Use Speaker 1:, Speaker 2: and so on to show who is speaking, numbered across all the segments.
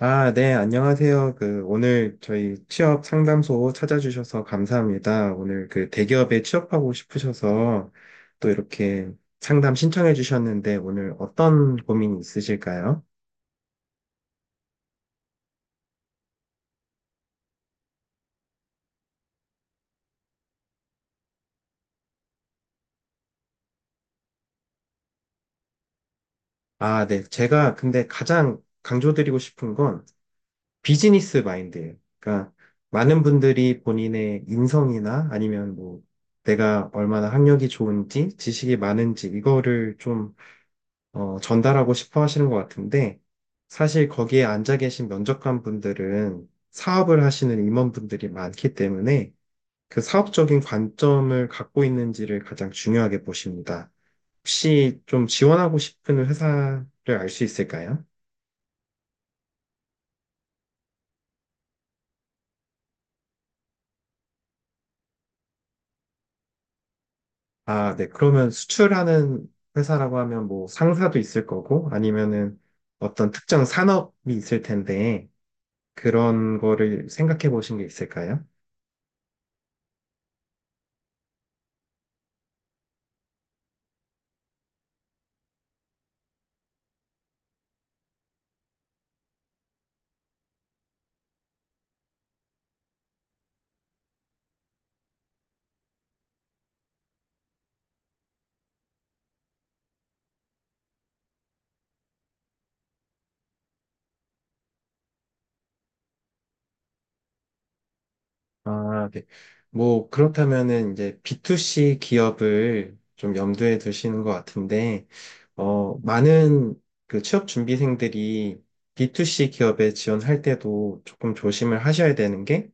Speaker 1: 아, 네, 안녕하세요. 오늘 저희 취업 상담소 찾아주셔서 감사합니다. 오늘 그 대기업에 취업하고 싶으셔서 또 이렇게 상담 신청해 주셨는데 오늘 어떤 고민이 있으실까요? 아, 네. 제가 근데 가장 강조드리고 싶은 건 비즈니스 마인드예요. 그러니까 많은 분들이 본인의 인성이나 아니면 뭐 내가 얼마나 학력이 좋은지, 지식이 많은지 이거를 좀 전달하고 싶어 하시는 것 같은데, 사실 거기에 앉아 계신 면접관 분들은 사업을 하시는 임원분들이 많기 때문에 그 사업적인 관점을 갖고 있는지를 가장 중요하게 보십니다. 혹시 좀 지원하고 싶은 회사를 알 수 있을까요? 아, 네. 그러면 수출하는 회사라고 하면 뭐 상사도 있을 거고 아니면은 어떤 특정 산업이 있을 텐데 그런 거를 생각해 보신 게 있을까요? 아, 네. 뭐, 그렇다면은 이제 B2C 기업을 좀 염두에 두시는 것 같은데, 많은 그 취업 준비생들이 B2C 기업에 지원할 때도 조금 조심을 하셔야 되는 게,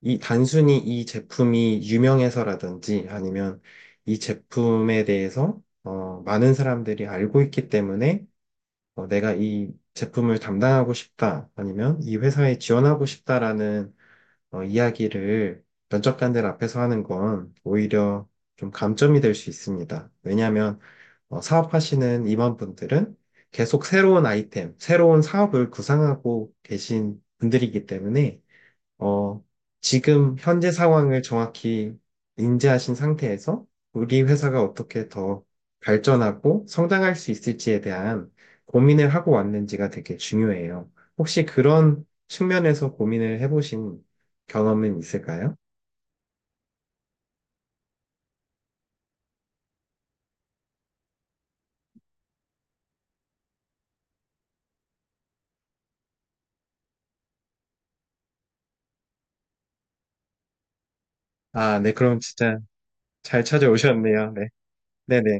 Speaker 1: 이 단순히 이 제품이 유명해서라든지 아니면 이 제품에 대해서 많은 사람들이 알고 있기 때문에 내가 이 제품을 담당하고 싶다 아니면 이 회사에 지원하고 싶다라는 이야기를 면접관들 앞에서 하는 건 오히려 좀 감점이 될 수 있습니다. 왜냐하면 사업하시는 임원분들은 계속 새로운 아이템, 새로운 사업을 구상하고 계신 분들이기 때문에 어, 지금 현재 상황을 정확히 인지하신 상태에서 우리 회사가 어떻게 더 발전하고 성장할 수 있을지에 대한 고민을 하고 왔는지가 되게 중요해요. 혹시 그런 측면에서 고민을 해보신 경험은 있을까요? 아, 네, 그럼 진짜 잘 찾아오셨네요. 네, 네네.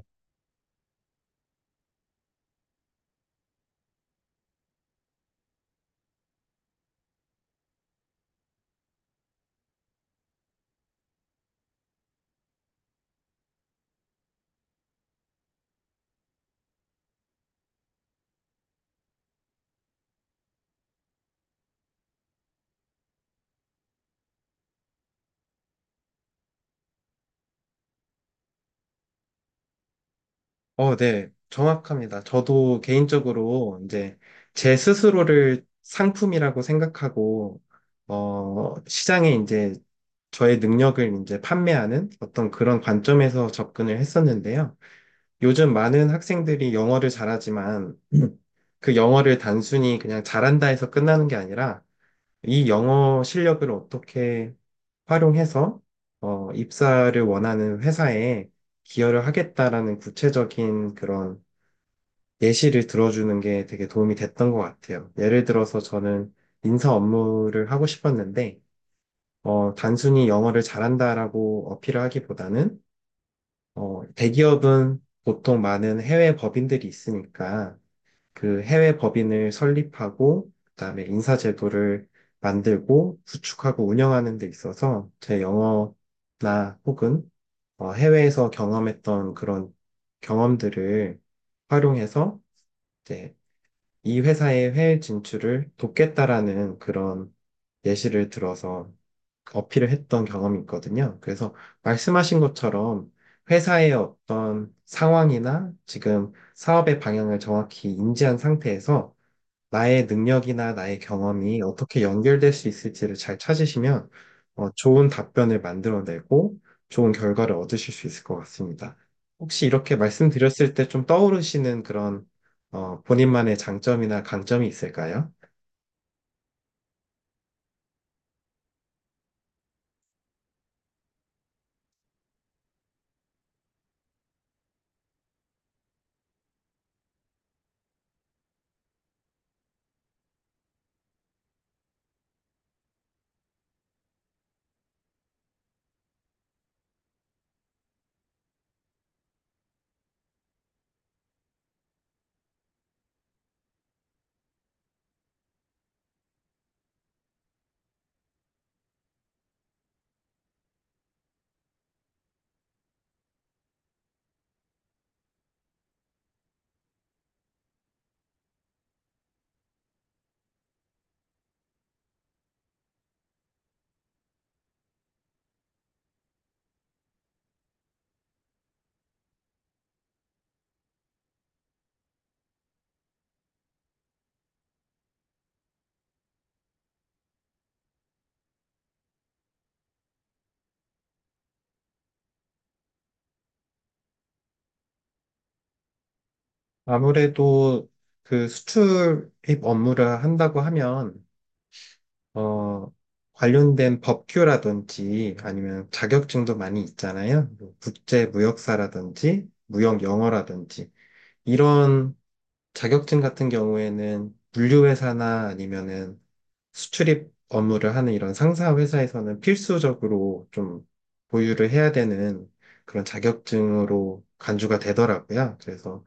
Speaker 1: 어, 네, 정확합니다. 저도 개인적으로 이제 제 스스로를 상품이라고 생각하고, 시장에 이제 저의 능력을 이제 판매하는 어떤 그런 관점에서 접근을 했었는데요. 요즘 많은 학생들이 영어를 잘하지만 그 영어를 단순히 그냥 잘한다 해서 끝나는 게 아니라 이 영어 실력을 어떻게 활용해서 입사를 원하는 회사에 기여를 하겠다라는 구체적인 그런 예시를 들어주는 게 되게 도움이 됐던 것 같아요. 예를 들어서 저는 인사 업무를 하고 싶었는데, 단순히 영어를 잘한다라고 어필을 하기보다는, 대기업은 보통 많은 해외 법인들이 있으니까, 그 해외 법인을 설립하고, 그다음에 인사 제도를 만들고, 구축하고 운영하는 데 있어서 제 영어나 혹은 해외에서 경험했던 그런 경험들을 활용해서 이제 이 회사의 해외 진출을 돕겠다라는 그런 예시를 들어서 어필을 했던 경험이 있거든요. 그래서 말씀하신 것처럼 회사의 어떤 상황이나 지금 사업의 방향을 정확히 인지한 상태에서 나의 능력이나 나의 경험이 어떻게 연결될 수 있을지를 잘 찾으시면 좋은 답변을 만들어내고 좋은 결과를 얻으실 수 있을 것 같습니다. 혹시 이렇게 말씀드렸을 때 좀 떠오르시는 그런 본인만의 장점이나 강점이 있을까요? 아무래도 그 수출입 업무를 한다고 하면 어, 관련된 법규라든지 아니면 자격증도 많이 있잖아요. 뭐 국제 무역사라든지 무역 영어라든지 이런 자격증 같은 경우에는 물류회사나 아니면은 수출입 업무를 하는 이런 상사 회사에서는 필수적으로 좀 보유를 해야 되는 그런 자격증으로 간주가 되더라고요. 그래서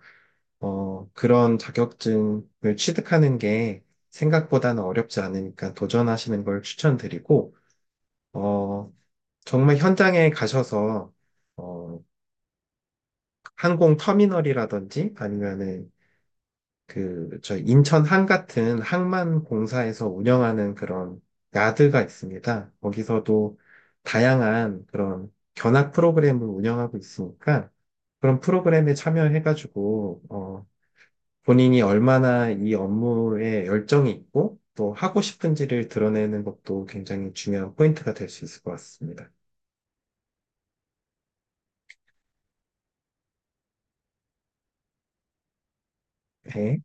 Speaker 1: 그런 자격증을 취득하는 게 생각보다는 어렵지 않으니까 도전하시는 걸 추천드리고 어, 정말 현장에 가셔서 어, 항공 터미널이라든지 아니면은 그, 저 인천 항 같은 항만 공사에서 운영하는 그런 야드가 있습니다. 거기서도 다양한 그런 견학 프로그램을 운영하고 있으니까 그런 프로그램에 참여해가지고, 본인이 얼마나 이 업무에 열정이 있고 또 하고 싶은지를 드러내는 것도 굉장히 중요한 포인트가 될 수 있을 것 같습니다. 네.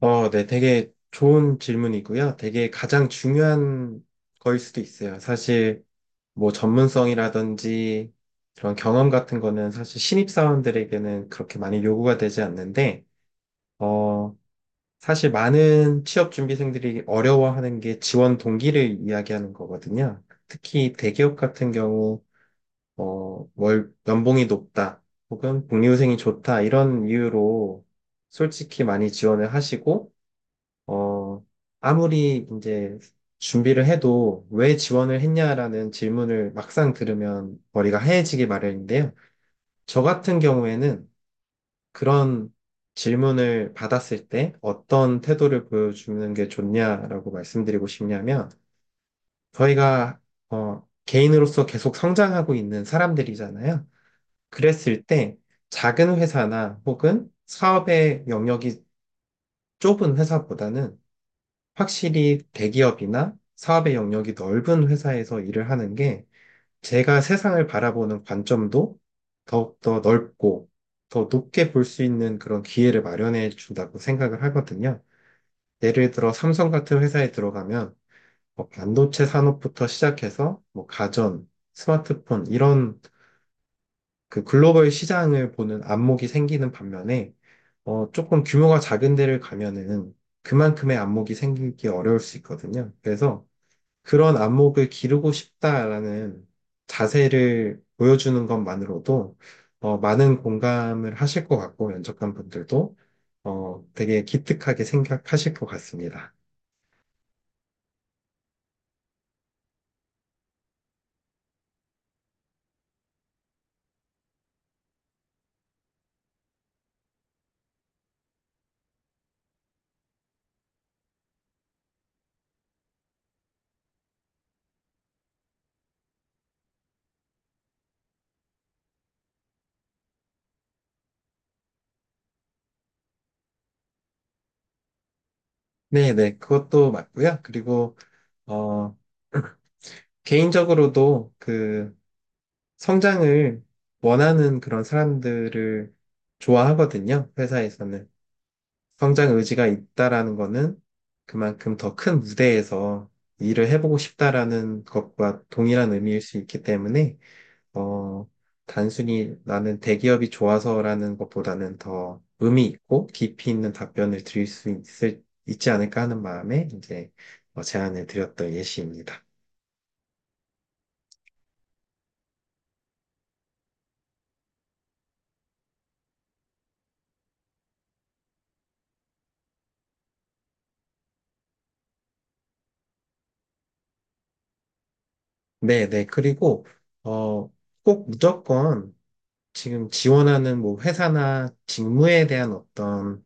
Speaker 1: 어, 네. 되게 좋은 질문이고요. 되게 가장 중요한 거일 수도 있어요. 사실 뭐 전문성이라든지 그런 경험 같은 거는 사실 신입사원들에게는 그렇게 많이 요구가 되지 않는데, 어, 사실 많은 취업준비생들이 어려워하는 게 지원 동기를 이야기하는 거거든요. 특히 대기업 같은 경우, 어, 월, 연봉이 높다, 혹은 복리후생이 좋다, 이런 이유로 솔직히 많이 지원을 하시고, 어, 아무리 이제 준비를 해도 왜 지원을 했냐라는 질문을 막상 들으면 머리가 하얘지기 마련인데요. 저 같은 경우에는 그런 질문을 받았을 때 어떤 태도를 보여주는 게 좋냐라고 말씀드리고 싶냐면 저희가 개인으로서 계속 성장하고 있는 사람들이잖아요. 그랬을 때 작은 회사나 혹은 사업의 영역이 좁은 회사보다는 확실히 대기업이나 사업의 영역이 넓은 회사에서 일을 하는 게 제가 세상을 바라보는 관점도 더욱더 넓고 더 높게 볼 수 있는 그런 기회를 마련해 준다고 생각을 하거든요. 예를 들어 삼성 같은 회사에 들어가면 뭐 반도체 산업부터 시작해서 뭐 가전, 스마트폰 이런 그 글로벌 시장을 보는 안목이 생기는 반면에 조금 규모가 작은 데를 가면은 그만큼의 안목이 생기기 어려울 수 있거든요. 그래서 그런 안목을 기르고 싶다라는 자세를 보여주는 것만으로도 많은 공감을 하실 것 같고 면접관 분들도 되게 기특하게 생각하실 것 같습니다. 네, 네, 그것도 맞고요. 그리고 어, 개인적으로도 그 성장을 원하는 그런 사람들을 좋아하거든요. 회사에서는. 성장 의지가 있다라는 거는 그만큼 더 큰 무대에서 일을 해보고 싶다라는 것과 동일한 의미일 수 있기 때문에, 어, 단순히 나는 대기업이 좋아서라는 것보다는 더 의미 있고 깊이 있는 답변을 드릴 수 있을, 있지 않을까 하는 마음에 이제 제안을 드렸던 예시입니다. 네, 네. 그리고, 어, 꼭 무조건 지금 지원하는 뭐 회사나 직무에 대한 어떤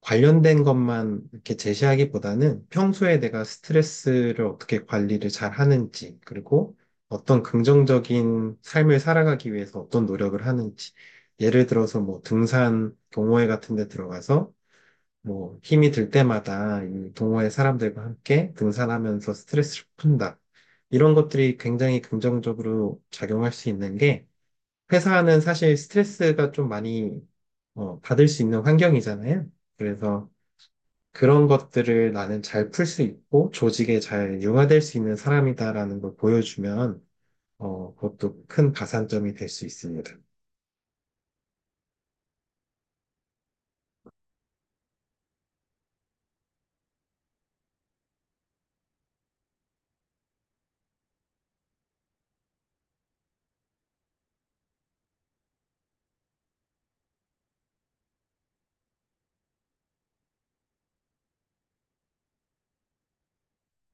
Speaker 1: 관련된 것만 이렇게 제시하기보다는 평소에 내가 스트레스를 어떻게 관리를 잘 하는지, 그리고 어떤 긍정적인 삶을 살아가기 위해서 어떤 노력을 하는지. 예를 들어서 뭐 등산 동호회 같은 데 들어가서 뭐 힘이 들 때마다 이 동호회 사람들과 함께 등산하면서 스트레스를 푼다. 이런 것들이 굉장히 긍정적으로 작용할 수 있는 게 회사는 사실 스트레스가 좀 많이 받을 수 있는 환경이잖아요. 그래서 그런 것들을 나는 잘 풀 수 있고 조직에 잘 융화될 수 있는 사람이다라는 걸 보여주면 그것도 큰 가산점이 될 수 있습니다.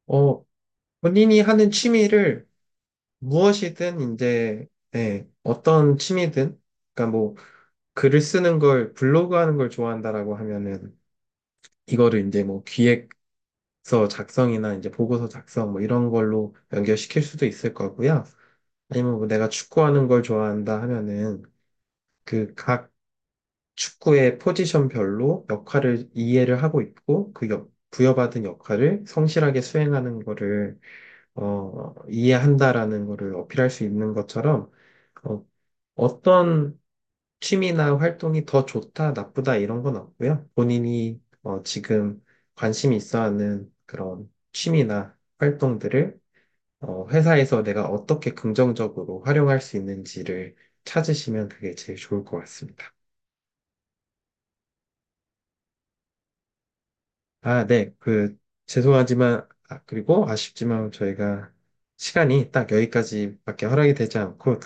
Speaker 1: 어, 본인이 하는 취미를 무엇이든 이제 네, 어떤 취미든 그러니까 뭐 글을 쓰는 걸 블로그 하는 걸 좋아한다라고 하면은 이거를 이제 뭐 기획서 작성이나 이제 보고서 작성 뭐 이런 걸로 연결시킬 수도 있을 거고요. 아니면 뭐 내가 축구하는 걸 좋아한다 하면은 그각 축구의 포지션별로 역할을 이해를 하고 있고 그 부여받은 역할을 성실하게 수행하는 거를 이해한다라는 거를 어필할 수 있는 것처럼 어, 어떤 취미나 활동이 더 좋다, 나쁘다 이런 건 없고요. 본인이 지금 관심이 있어 하는 그런 취미나 활동들을 회사에서 내가 어떻게 긍정적으로 활용할 수 있는지를 찾으시면 그게 제일 좋을 것 같습니다. 아, 네. 그, 죄송하지만, 아, 그리고 아쉽지만 저희가 시간이 딱 여기까지밖에 허락이 되지 않고,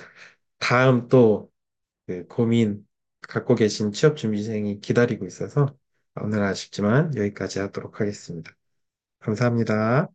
Speaker 1: 다음 또 그 고민 갖고 계신 취업준비생이 기다리고 있어서, 오늘 아쉽지만 여기까지 하도록 하겠습니다. 감사합니다.